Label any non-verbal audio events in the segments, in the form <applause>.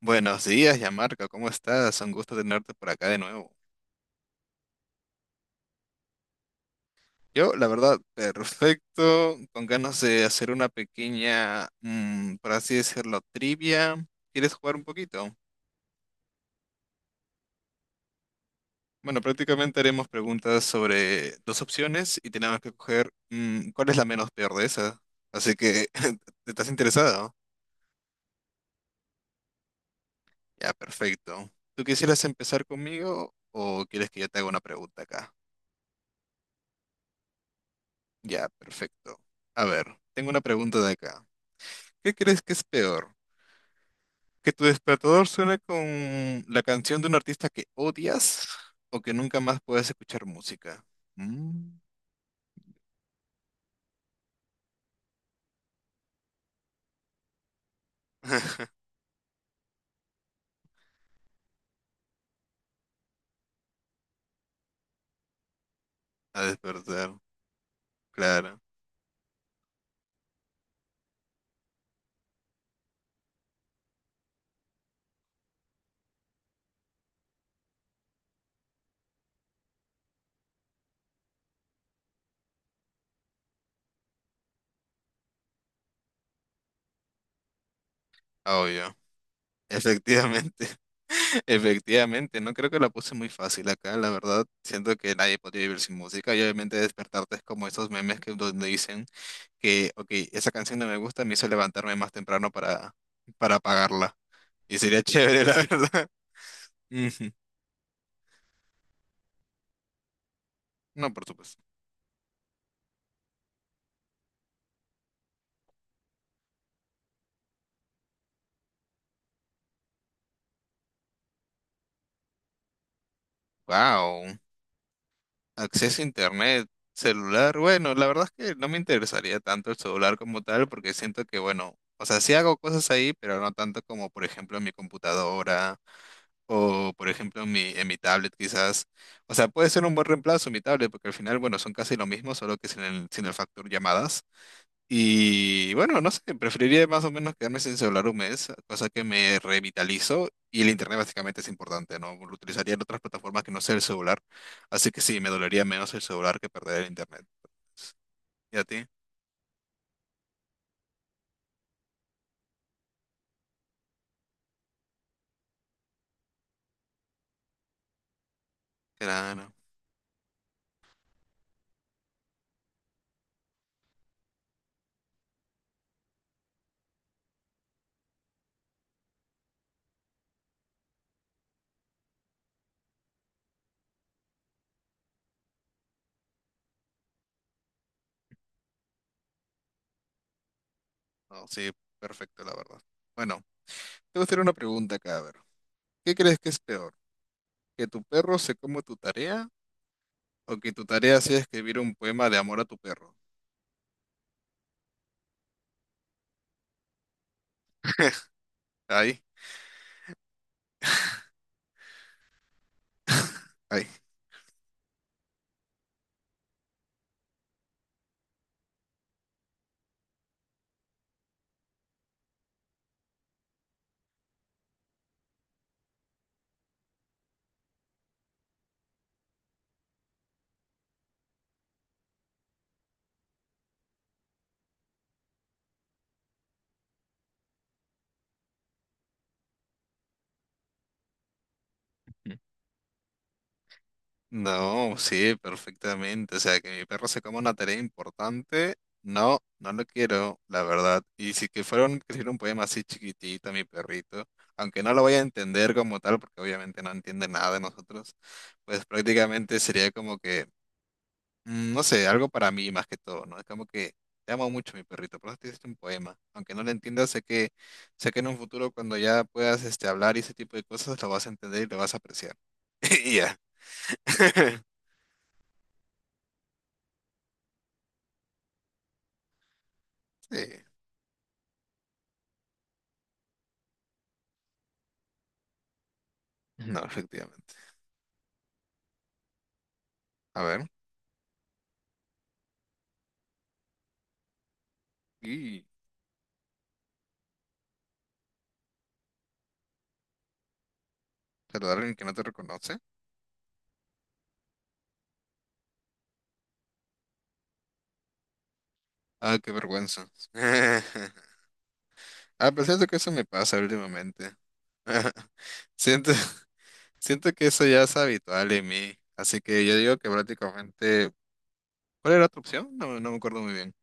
Buenos días, Yamarca, ¿cómo estás? Un gusto tenerte por acá de nuevo. Yo, la verdad, perfecto, con ganas de hacer una pequeña, por así decirlo, trivia. ¿Quieres jugar un poquito? Bueno, prácticamente haremos preguntas sobre dos opciones y tenemos que coger cuál es la menos peor de esas. Así que, <laughs> ¿estás interesado? Ya, perfecto. ¿Tú quisieras empezar conmigo o quieres que yo te haga una pregunta acá? Ya, perfecto. A ver, tengo una pregunta de acá. ¿Qué crees que es peor? ¿Que tu despertador suene con la canción de un artista que odias o que nunca más puedas escuchar música? Mm. <laughs> A despertar, claro, ah, obvio. Efectivamente, <laughs> efectivamente, no creo que la puse muy fácil acá, la verdad. Siento que nadie podría vivir sin música y obviamente despertarte es como esos memes que donde dicen que, ok, esa canción no me gusta, me hizo levantarme más temprano para apagarla. Y sería <laughs> chévere, la verdad. <laughs> Ujú. No, por supuesto. Wow, acceso a internet, celular. Bueno, la verdad es que no me interesaría tanto el celular como tal, porque siento que, bueno, o sea, sí hago cosas ahí, pero no tanto como, por ejemplo, en mi computadora o, por ejemplo, en mi tablet, quizás. O sea, puede ser un buen reemplazo mi tablet, porque al final, bueno, son casi lo mismo, solo que sin el factor llamadas. Y bueno, no sé, preferiría más o menos quedarme sin celular un mes, cosa que me revitalizo y el internet básicamente es importante, ¿no? Lo utilizaría en otras plataformas que no sea el celular, así que sí, me dolería menos el celular que perder el internet. ¿Y a ti? Claro, no, no, sí, perfecto, la verdad. Bueno, te voy a hacer una pregunta acá, a ver. ¿Qué crees que es peor? ¿Que tu perro se coma tu tarea o que tu tarea sea escribir un poema de amor a tu perro? <laughs> Ahí, ahí. No, sí, perfectamente. O sea, que mi perro se coma una tarea importante, no lo quiero, la verdad. Y si que fuera un, que hiciera un poema así chiquitito, mi perrito, aunque no lo vaya a entender como tal, porque obviamente no entiende nada de nosotros, pues prácticamente sería como que, no sé, algo para mí más que todo, ¿no? Es como que te amo mucho, mi perrito, por eso te hiciste un poema. Aunque no lo entiendas, sé que en un futuro cuando ya puedas este, hablar y ese tipo de cosas, lo vas a entender y lo vas a apreciar. <laughs> Y ya. <laughs> Sí. No, efectivamente. A ver. Y saludar a alguien que no te reconoce. Ah, qué vergüenza. <laughs> A pesar de que eso me pasa últimamente. <laughs> Siento, siento que eso ya es habitual en mí. Así que yo digo que prácticamente. ¿Cuál era tu opción? No me acuerdo muy bien.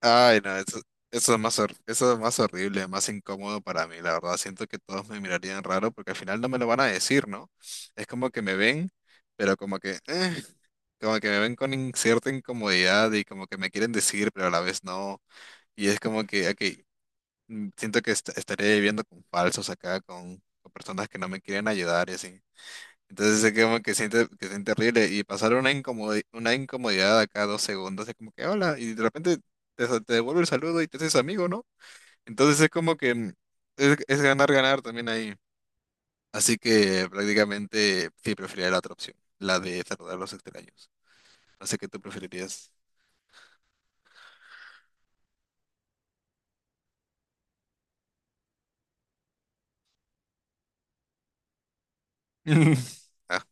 Ay, no, eso es más horrible, más incómodo para mí, la verdad. Siento que todos me mirarían raro porque al final no me lo van a decir, ¿no? Es como que me ven, pero como que, como que me ven con in- cierta incomodidad y como que me quieren decir, pero a la vez no. Y es como que, ok, mm, siento que estaré viviendo con falsos acá, con personas que no me quieren ayudar y así. Entonces es como que siente horrible y pasar una una incomodidad acá dos segundos es como que hola y de repente te devuelve el saludo y te haces amigo, ¿no? Entonces es como que es ganar, ganar también ahí. Así que prácticamente sí preferiría la otra opción, la de saludar a los extraños. No sé qué tú preferirías. <laughs> Ah,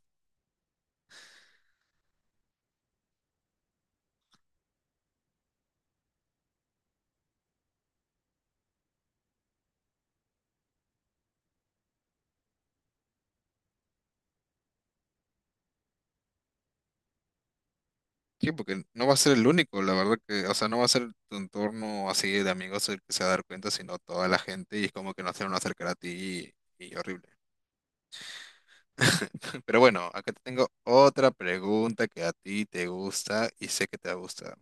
sí, porque no va a ser el único, la verdad que, o sea, no va a ser tu entorno así de amigos el que se va a dar cuenta, sino toda la gente y es como que no se van a acercar a ti y horrible. <laughs> Pero bueno, acá te tengo otra pregunta que a ti te gusta y sé que te gusta.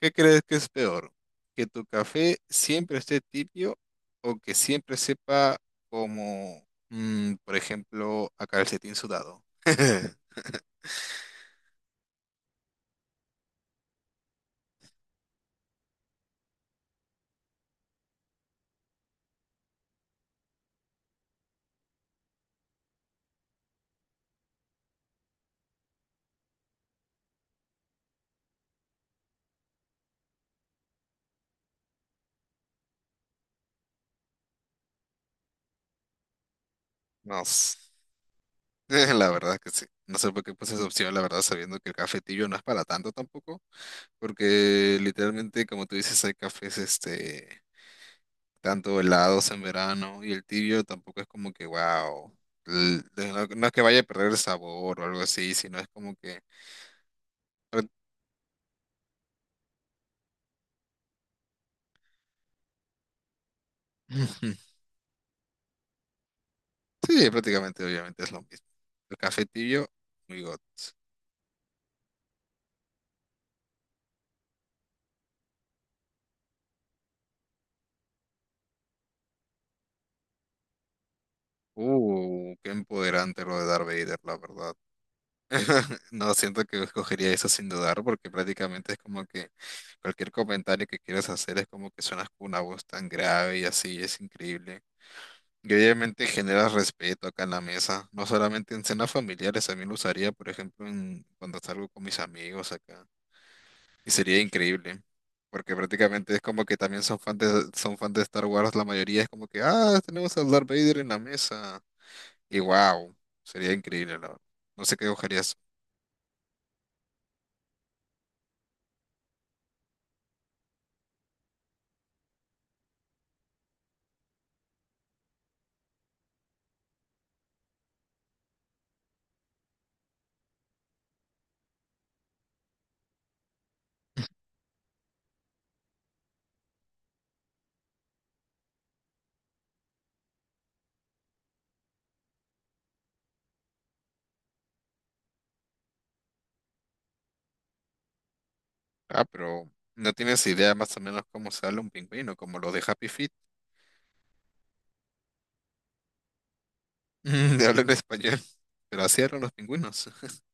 ¿Qué crees que es peor? ¿Que tu café siempre esté tibio o que siempre sepa como, por ejemplo, a calcetín sudado? <laughs> No. sé. <laughs> La verdad que sí. No sé por qué puse esa opción, la verdad, sabiendo que el cafetillo no es para tanto tampoco, porque literalmente, como tú dices, hay cafés, este, tanto helados en verano y el tibio tampoco es como que, wow, no es que vaya a perder el sabor o algo así, sino es como que... prá- <laughs> Sí, prácticamente, obviamente es lo mismo. El café tibio, muy got. Qué empoderante lo de Darth Vader, la verdad. <laughs> No, siento que escogería eso sin dudar, porque prácticamente es como que cualquier comentario que quieras hacer es como que suenas con una voz tan grave y así, es increíble. Y obviamente generas respeto acá en la mesa, no solamente en cenas familiares, también lo usaría, por ejemplo, en, cuando salgo con mis amigos acá. Y sería increíble, porque prácticamente es como que también son fans de Star Wars, la mayoría es como que, ah, tenemos a Darth Vader en la mesa. Y wow, sería increíble, la verdad. No sé qué escogerías. Ah, pero no tienes idea más o menos cómo sale un pingüino, como los de Happy Feet, <laughs> de hablar en español. Pero así eran los pingüinos. <laughs>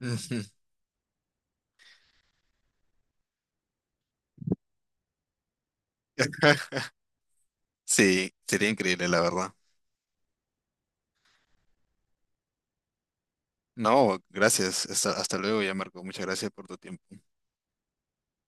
Ujú. <laughs> Sí, sería increíble, la verdad. No, gracias. Hasta luego ya, Marco. Muchas gracias por tu tiempo.